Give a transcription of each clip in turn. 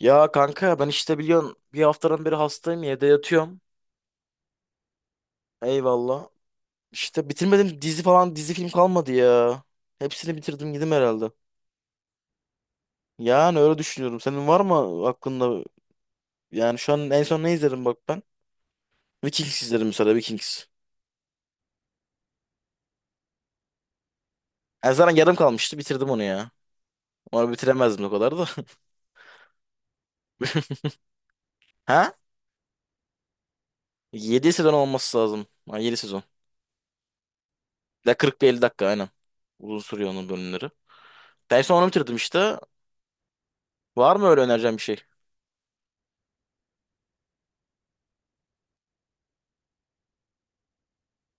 Ya kanka ben işte biliyorsun bir haftadan beri hastayım evde yatıyorum. Eyvallah. İşte bitirmedim dizi falan dizi film kalmadı ya. Hepsini bitirdim gidim herhalde. Yani öyle düşünüyorum. Senin var mı aklında? Yani şu an en son ne izledim bak ben? Vikings izledim mesela Vikings. En zaten yarım kalmıştı bitirdim onu ya. Onu bitiremezdim o kadar da. Ha? Yedi sezon olması lazım. Ha, 7 sezon. Ya 40-50 dakika aynen. Uzun sürüyor onun bölümleri. Ben en son onu bitirdim işte. Var mı öyle önereceğim bir şey?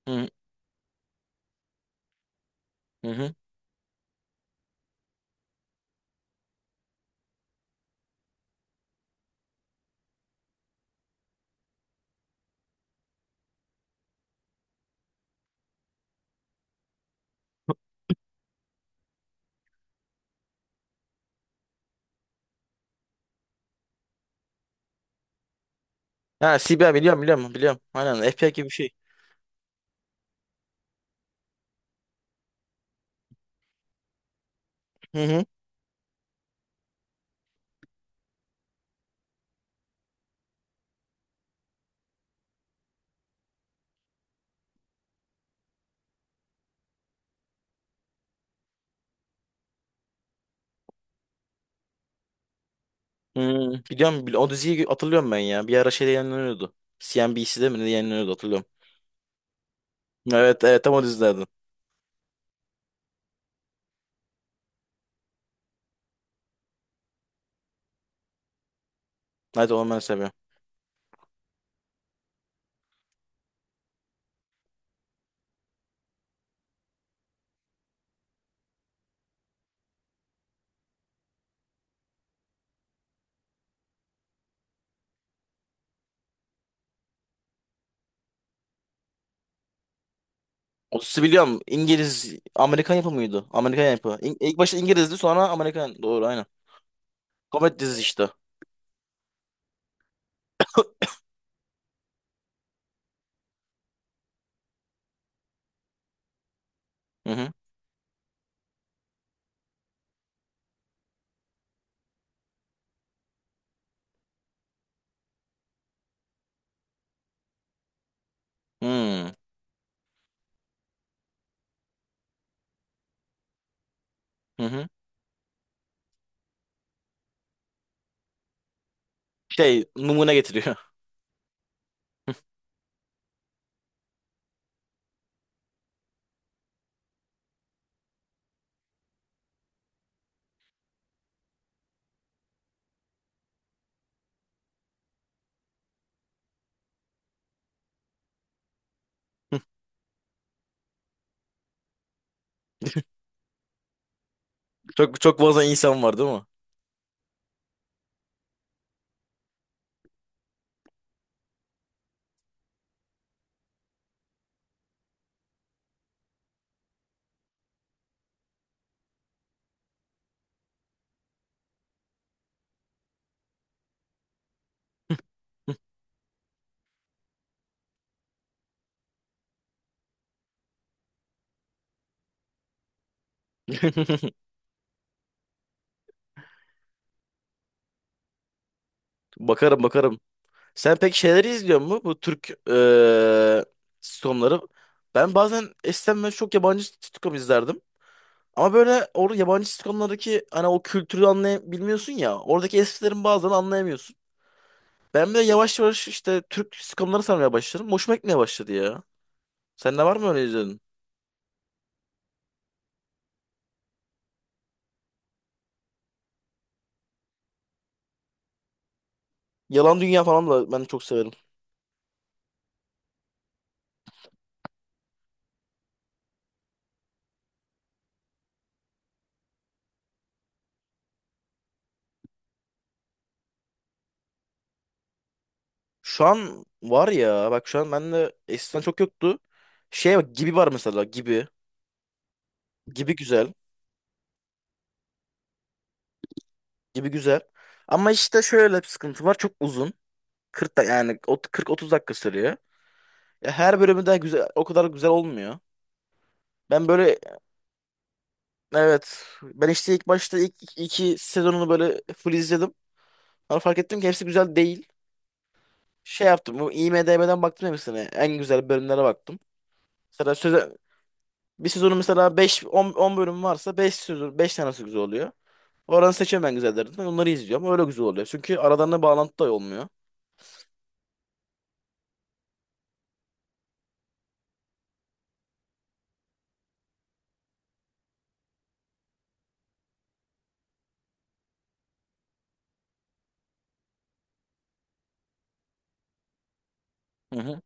Hı hı. Ha, CBA biliyorum biliyorum biliyorum. Aynen FPA gibi bir şey. Hı hı. Hmm, biliyorum o diziyi hatırlıyorum ben ya. Bir ara şeyde yayınlanıyordu. CNBC'de mi ne yayınlanıyordu hatırlıyorum. Evet, evet, tam o dizilerden. Night Owl ben seviyorum. O dizi biliyorum. İngiliz Amerikan yapımı mıydı? Amerikan yapı. İlk başta İngilizdi sonra Amerikan. Doğru aynen. Komedi dizisi işte. Hı hı. Hmm. Hı hı. Şey numune getiriyor. Çok çok fazla insan var değil mi? Bakarım bakarım. Sen pek şeyleri izliyor mu? Bu Türk sitcomları. Ben bazen eskiden ben çok yabancı sitcom izlerdim. Ama böyle orada yabancı sitcomlardaki hani o kültürü anlayabilmiyorsun ya. Oradaki esprilerin bazen anlayamıyorsun. Ben de yavaş yavaş işte Türk sitcomları sarmaya başladım. Hoşuma gitmeye başladı ya. Sende var mı öyle izledin? Yalan Dünya falan da ben çok severim. Şu an var ya bak, şu an bende eskiden çok yoktu. Şey bak, gibi var mesela, gibi. Gibi güzel. Gibi güzel. Ama işte şöyle bir sıkıntı var. Çok uzun. 40 da yani 40-30 dakika sürüyor. Ya her bölümü de güzel, o kadar güzel olmuyor. Ben böyle evet ben işte ilk başta ilk ilk iki sezonunu böyle full izledim. Sonra fark ettim ki hepsi güzel değil. Şey yaptım. Bu IMDb'den baktım hepsine. En güzel bölümlere baktım. Mesela söze, bir sezonu mesela 5 10, 10 bölüm varsa 5 sezon 5 tanesi güzel oluyor. Oradan seçiyorum ben güzellerinden. Onları izliyorum. Öyle güzel oluyor. Çünkü aralarında bağlantı da olmuyor. Hı hı.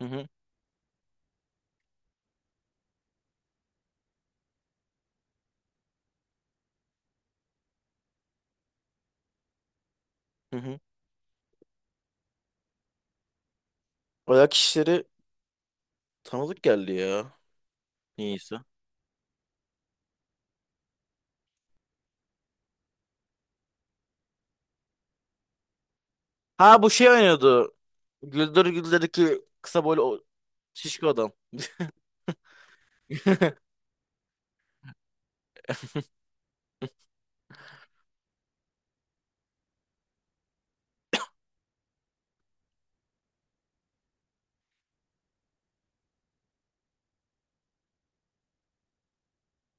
Hı hı. Hı hı. Ayak işleri. Tanıdık geldi ya. Niyeyse. Ha, bu şey oynuyordu. Güldür Güldür'deki kısa boylu o şişko adam.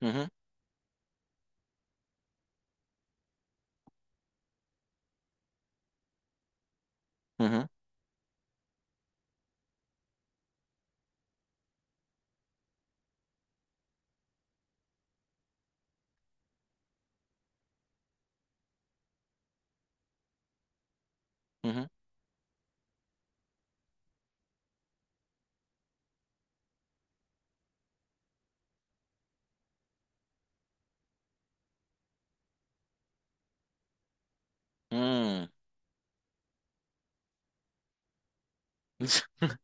Hı hı. Hı hı. Hı hı. Hı.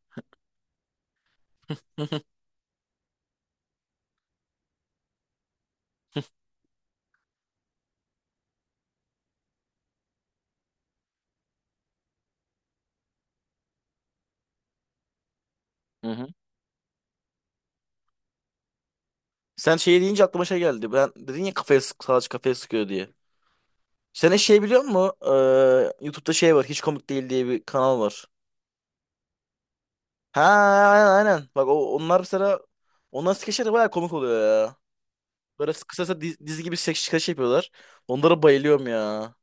Hı hı. Sen şey deyince aklıma şey geldi. Ben dedin ya, kafaya sık, salaç kafaya sıkıyor diye. Sen hiç şey biliyor musun? YouTube'da şey var. Hiç komik değil diye bir kanal var. Ha, aynen aynen. Bak, onlar mesela skeçler de bayağı komik oluyor ya. Böyle kısasa dizi gibi skeç skeç yapıyorlar. Onlara bayılıyorum ya.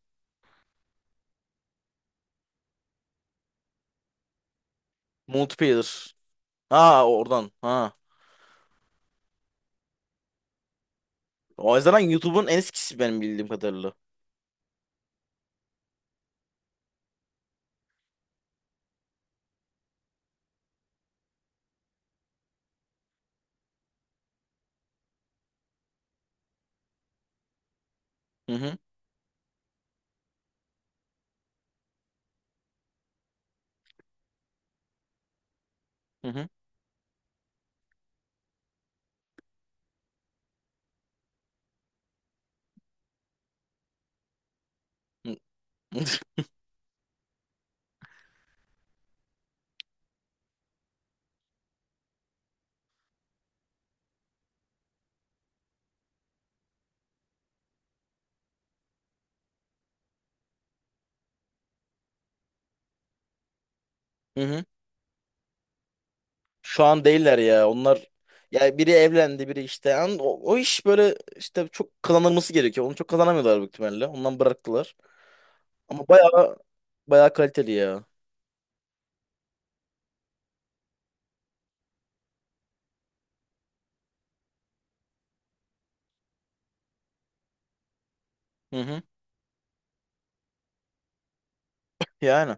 Multiplayer. Ha, oradan. Ha. O yüzden YouTube'un en eskisi benim bildiğim kadarıyla. Hı hı. Hı hı. Hı hı. Hı. Hı. Şu an değiller ya. Onlar ya biri evlendi, biri işte. Yani o iş böyle işte çok kazanılması gerekiyor. Onu çok kazanamıyorlar büyük ihtimalle. Ondan bıraktılar. Ama bayağı bayağı kaliteli ya. Hı hı. Yani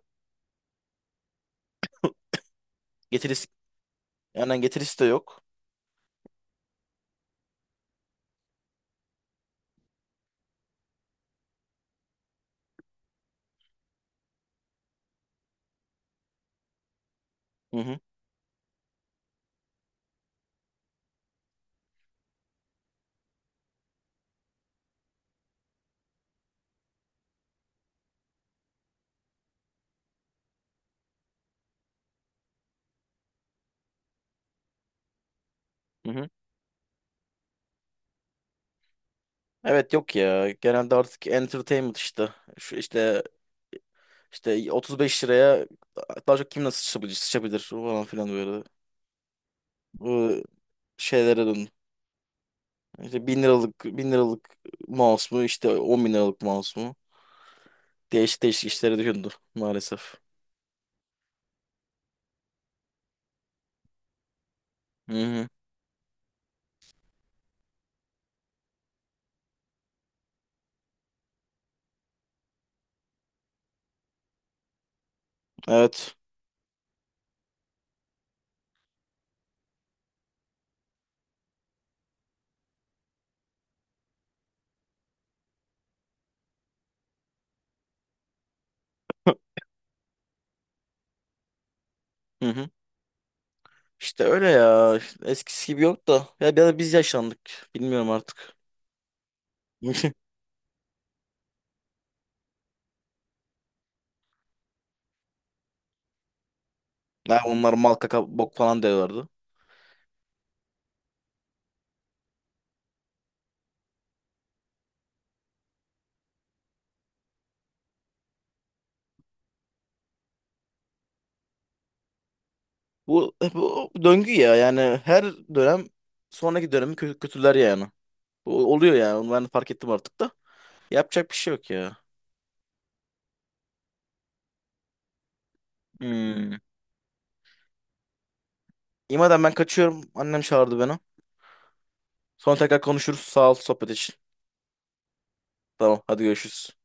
getirisi yani getirisi de yok. Hı hı. Hı hı. Evet yok ya. Genelde artık entertainment işte. Şu işte 35 liraya daha çok kim nasıl sıçrabilir, sıçabilir falan filan böyle. Bu şeylere döndü. İşte bin liralık mouse mu, işte 10.000 liralık mouse mu? Değişik değişik işlere döndü maalesef. Hı hı. Evet. Hı hı. İşte öyle ya. Eskisi gibi yok da. Ya biraz biz yaşlandık. Bilmiyorum artık. Ya onlar mal kaka bok falan diyorlardı. Bu döngü ya. Yani her dönem sonraki dönemi kötüler yani. Bu oluyor yani. Ben fark ettim artık da. Yapacak bir şey yok ya. Hmm. İmadan ben kaçıyorum. Annem çağırdı beni. Sonra tekrar konuşuruz. Sağ ol sohbet için. Tamam, hadi görüşürüz.